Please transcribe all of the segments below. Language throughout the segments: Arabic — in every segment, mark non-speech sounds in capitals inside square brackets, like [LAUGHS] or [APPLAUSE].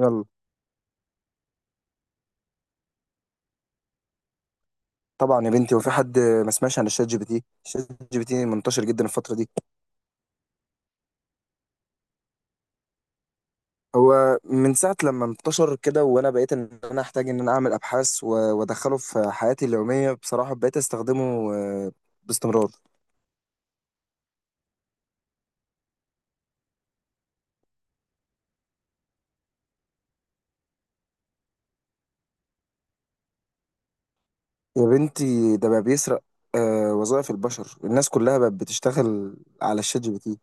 يلا طبعا يا بنتي، وفي حد ما سمعش عن الشات جي بي تي. الشات جي بي تي منتشر جدا الفتره دي. هو من ساعه لما انتشر كده وانا بقيت ان انا احتاج ان انا اعمل ابحاث وادخله في حياتي اليوميه. بصراحه بقيت استخدمه باستمرار. يا بنتي ده بقى بيسرق وظائف البشر. الناس كلها بقت بتشتغل على الشات جي بي تي.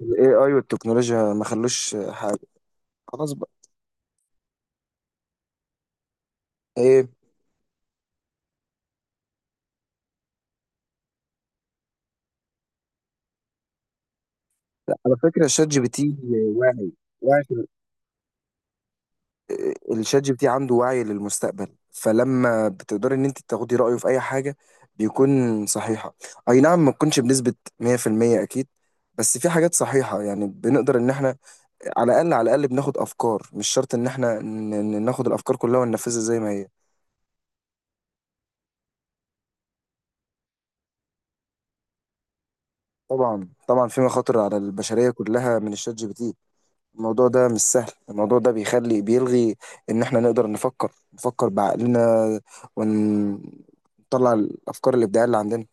الاي اي والتكنولوجيا ما خلوش حاجه، خلاص بقى. ايه؟ على فكره الشات جي بي تي واعي، واعي. الشات جي بي تي عنده وعي للمستقبل، فلما بتقدري ان انت تاخدي رايه في اي حاجه بيكون صحيحه. اي نعم، ما تكونش بنسبه 100%، اكيد، بس في حاجات صحيحه. يعني بنقدر ان احنا على الاقل، على الاقل بناخد افكار. مش شرط ان احنا ناخد الافكار كلها وننفذها زي ما هي. طبعا طبعا في مخاطر على البشريه كلها من الشات جي بي تي. الموضوع ده مش سهل. الموضوع ده بيخلي، بيلغي ان احنا نقدر نفكر، نفكر بعقلنا ونطلع الافكار الابداعيه اللي عندنا.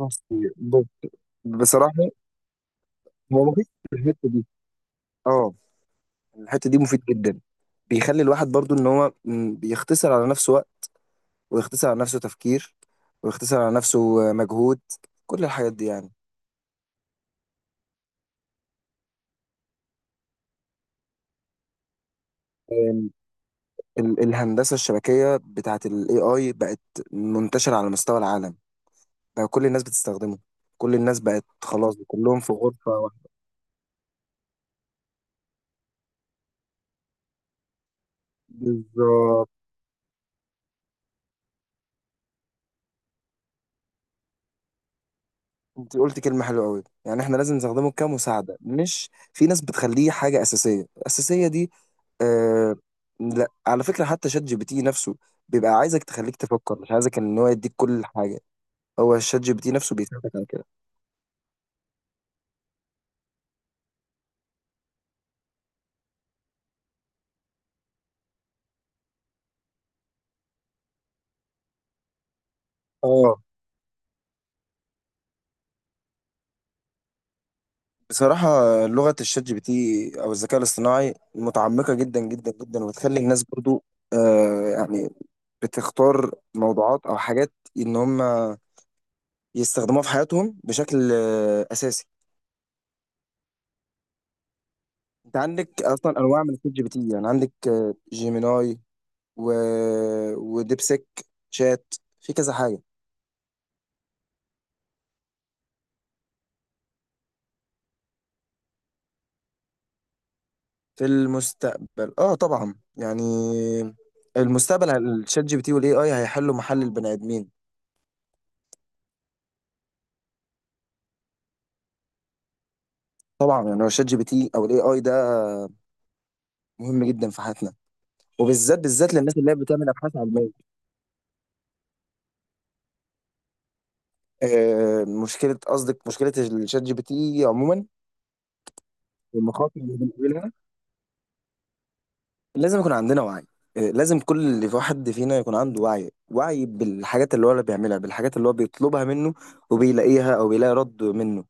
بص، بصراحة هو مفيد في الحتة دي. اه، الحتة دي مفيد جدا. بيخلي الواحد برضو ان هو بيختصر على نفسه وقت، ويختصر على نفسه تفكير، ويختصر على نفسه مجهود. كل الحاجات دي يعني. آم، الهندسة الشبكية بتاعت ال AI بقت منتشرة على مستوى العالم. بقى كل الناس بتستخدمه. كل الناس بقت خلاص كلهم في غرفة واحدة. بالظبط. انت قلت كلمة حلوة قوي. يعني احنا لازم نستخدمه كمساعدة، مش في ناس بتخليه حاجة أساسية. الأساسية دي، آه. لا، على فكرة حتى شات جي بي تي نفسه بيبقى عايزك تخليك تفكر، مش عايزك ان هو يديك كل حاجة. هو الشات جي بي تي نفسه بيساعدك على كده. اه، بصراحة لغة الشات جي بي تي أو الذكاء الاصطناعي متعمقة جدا جدا جدا، وبتخلي الناس برضو يعني بتختار موضوعات أو حاجات إن هم يستخدموها في حياتهم بشكل أساسي. انت عندك اصلا انواع من الشات جي بي تي، يعني عندك جيميناي و... وديبسيك شات. في كذا حاجه. في المستقبل اه طبعا يعني. المستقبل الشات جي بي تي والاي اي هيحلوا محل البني ادمين. طبعا يعني هو الشات جي بي تي او الاي اي ده مهم جدا في حياتنا، وبالذات بالذات للناس اللي هي بتعمل ابحاث علميه. مشكله؟ قصدك مشكله الشات جي بي تي عموما والمخاطر اللي بنقابلها. لازم يكون عندنا وعي. لازم كل اللي في واحد فينا يكون عنده وعي، وعي بالحاجات اللي هو اللي بيعملها، بالحاجات اللي هو بيطلبها منه وبيلاقيها او بيلاقي رد منه.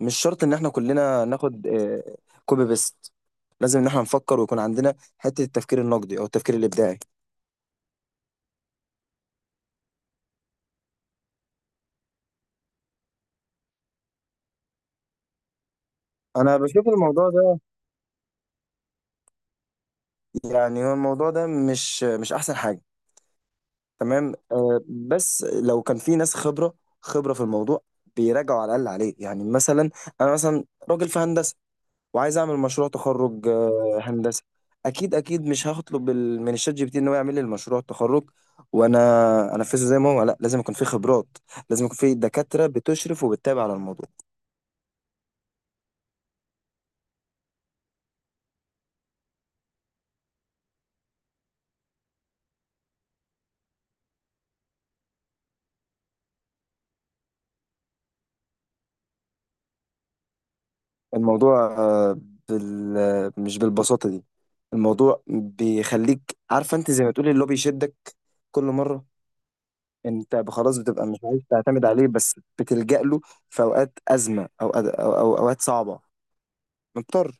مش شرط ان احنا كلنا ناخد كوبي بيست. لازم ان احنا نفكر ويكون عندنا حتة التفكير النقدي او التفكير الابداعي. انا بشوف الموضوع ده، يعني هو الموضوع ده مش مش احسن حاجة. تمام بس لو كان في ناس خبرة، خبرة في الموضوع، بيراجعوا على الاقل عليه. يعني مثلا انا مثلا راجل في هندسة وعايز اعمل مشروع تخرج هندسي، اكيد اكيد مش هطلب من الشات جي بي تي ان هو يعمل لي المشروع التخرج وانا انفذه زي ما هو. لا، لازم يكون في خبرات، لازم يكون في دكاترة بتشرف وبتتابع على الموضوع. الموضوع مش بالبساطة دي. الموضوع بيخليك عارفة انت، زي ما تقولي اللي هو بيشدك كل مرة. انت خلاص بتبقى مش عايز تعتمد عليه، بس بتلجأ له في اوقات أزمة، او اوقات صعبة، مضطر.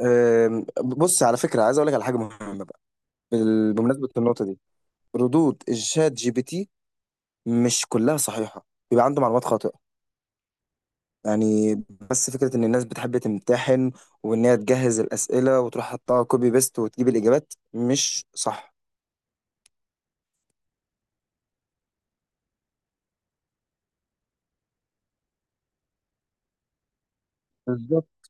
بص، على فكرة عايز اقول لك على حاجة مهمة بقى. بمناسبة النقطة دي، ردود الشات جي بي تي مش كلها صحيحة، بيبقى عنده معلومات خاطئة يعني. بس فكرة ان الناس بتحب تمتحن وان هي تجهز الأسئلة وتروح حطها كوبي بيست وتجيب الإجابات مش صح. بالظبط.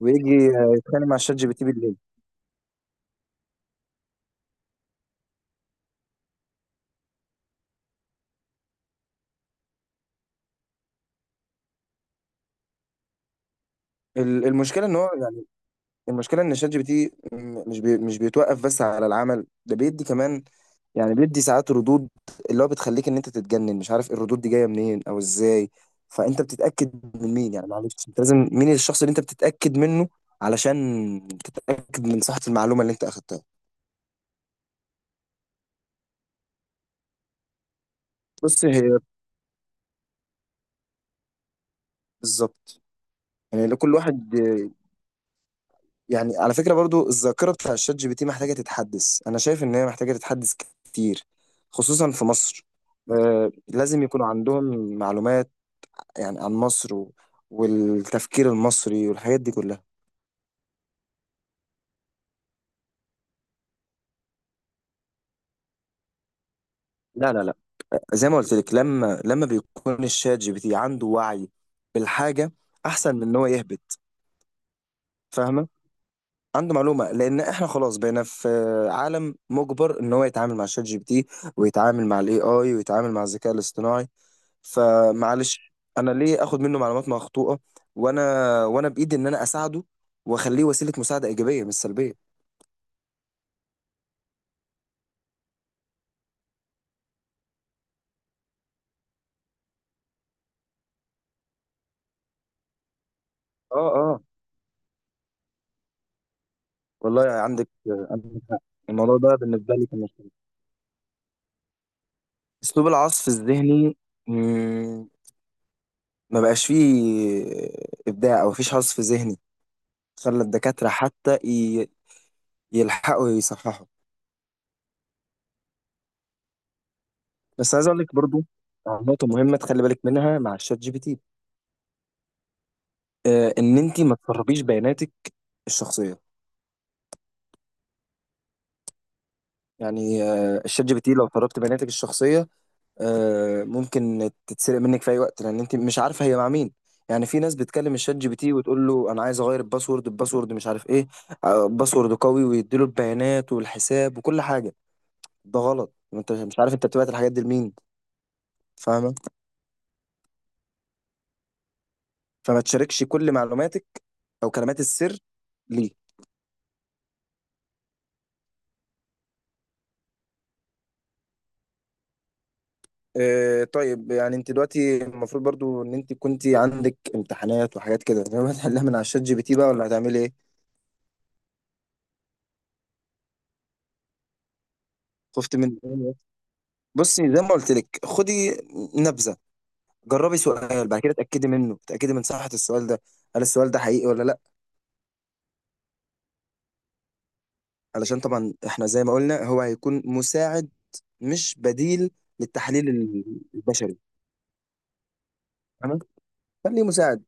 ويجي يتخانق مع الشات جي بي تي بالليل. المشكلة ان هو يعني، المشكلة ان الشات جي بي تي مش بيتوقف بس على العمل ده، بيدي كمان، يعني بيدي ساعات ردود اللي هو بتخليك ان انت تتجنن، مش عارف الردود دي جايه منين او ازاي. فانت بتتاكد من مين؟ يعني معلش، انت لازم مين الشخص اللي انت بتتاكد منه علشان تتاكد من صحه المعلومه اللي انت اخدتها. بص هي بالظبط. يعني كل واحد، يعني على فكره برضو الذاكره بتاع الشات جي بي تي محتاجه تتحدث. انا شايف ان هي محتاجه تتحدث كتير، خصوصا في مصر. لازم يكونوا عندهم معلومات يعني عن مصر والتفكير المصري والحاجات دي كلها. لا لا لا، زي ما قلت لك، لما بيكون الشات جي بي تي عنده وعي بالحاجه احسن من ان هو يهبط. فاهمه؟ عنده معلومه. لان احنا خلاص بقينا في عالم مجبر ان هو يتعامل مع الشات جي بي تي، ويتعامل مع الاي اي، ويتعامل مع الذكاء الاصطناعي. فمعلش، انا ليه اخد منه معلومات مخطوطه وانا، وانا بايدي ان انا اساعده واخليه وسيله مساعده ايجابيه مش سلبيه. اه اه، والله عندك، عندك حق. الموضوع ده بالنسبه لي كان مشكلة. اسلوب العصف الذهني ما بقاش فيه ابداع، او مفيش عصف ذهني. خلى الدكاتره حتى يلحقوا يصححوا. بس عايز اقول لك برضو على نقطه مهمه تخلي بالك منها مع الشات جي بي تي. ان انت ما تسربيش بياناتك الشخصيه. يعني الشات جي بي تي لو سربت بياناتك الشخصيه ممكن تتسرق منك في اي وقت، لان انت مش عارفه هي مع مين. يعني في ناس بتكلم الشات جي بي تي وتقول له انا عايز اغير الباسورد، الباسورد مش عارف ايه، باسورد قوي، ويديله البيانات والحساب وكل حاجه. ده غلط. انت مش عارف انت بتبعت الحاجات دي لمين. فاهمه؟ فما تشاركش كل معلوماتك او كلمات السر. ليه؟ طيب، يعني انت دلوقتي المفروض برضو ان انت كنت عندك امتحانات وحاجات كده، فاهمة؟ [LAUGHS] هتحلها من على الشات جي بي تي بقى ولا هتعملي ايه؟ خفت من إيه؟ بصي زي ما قلت لك، خدي نبذه. جربي سؤال، بعد كده اتاكدي منه، اتاكدي من صحه السؤال ده، هل السؤال ده حقيقي ولا لا. علشان طبعا احنا زي ما قلنا هو هيكون مساعد، مش بديل للتحليل البشري. تمام، خليه مساعد.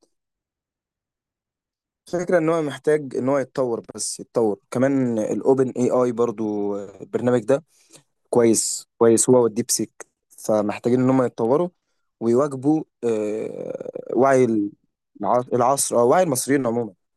الفكرة ان هو محتاج ان هو يتطور، بس يتطور كمان الاوبن اي اي برضو، البرنامج ده كويس، كويس هو والديب سيك. فمحتاجين ان هم يتطوروا ويواكبوا وعي العصر او وعي المصريين عموما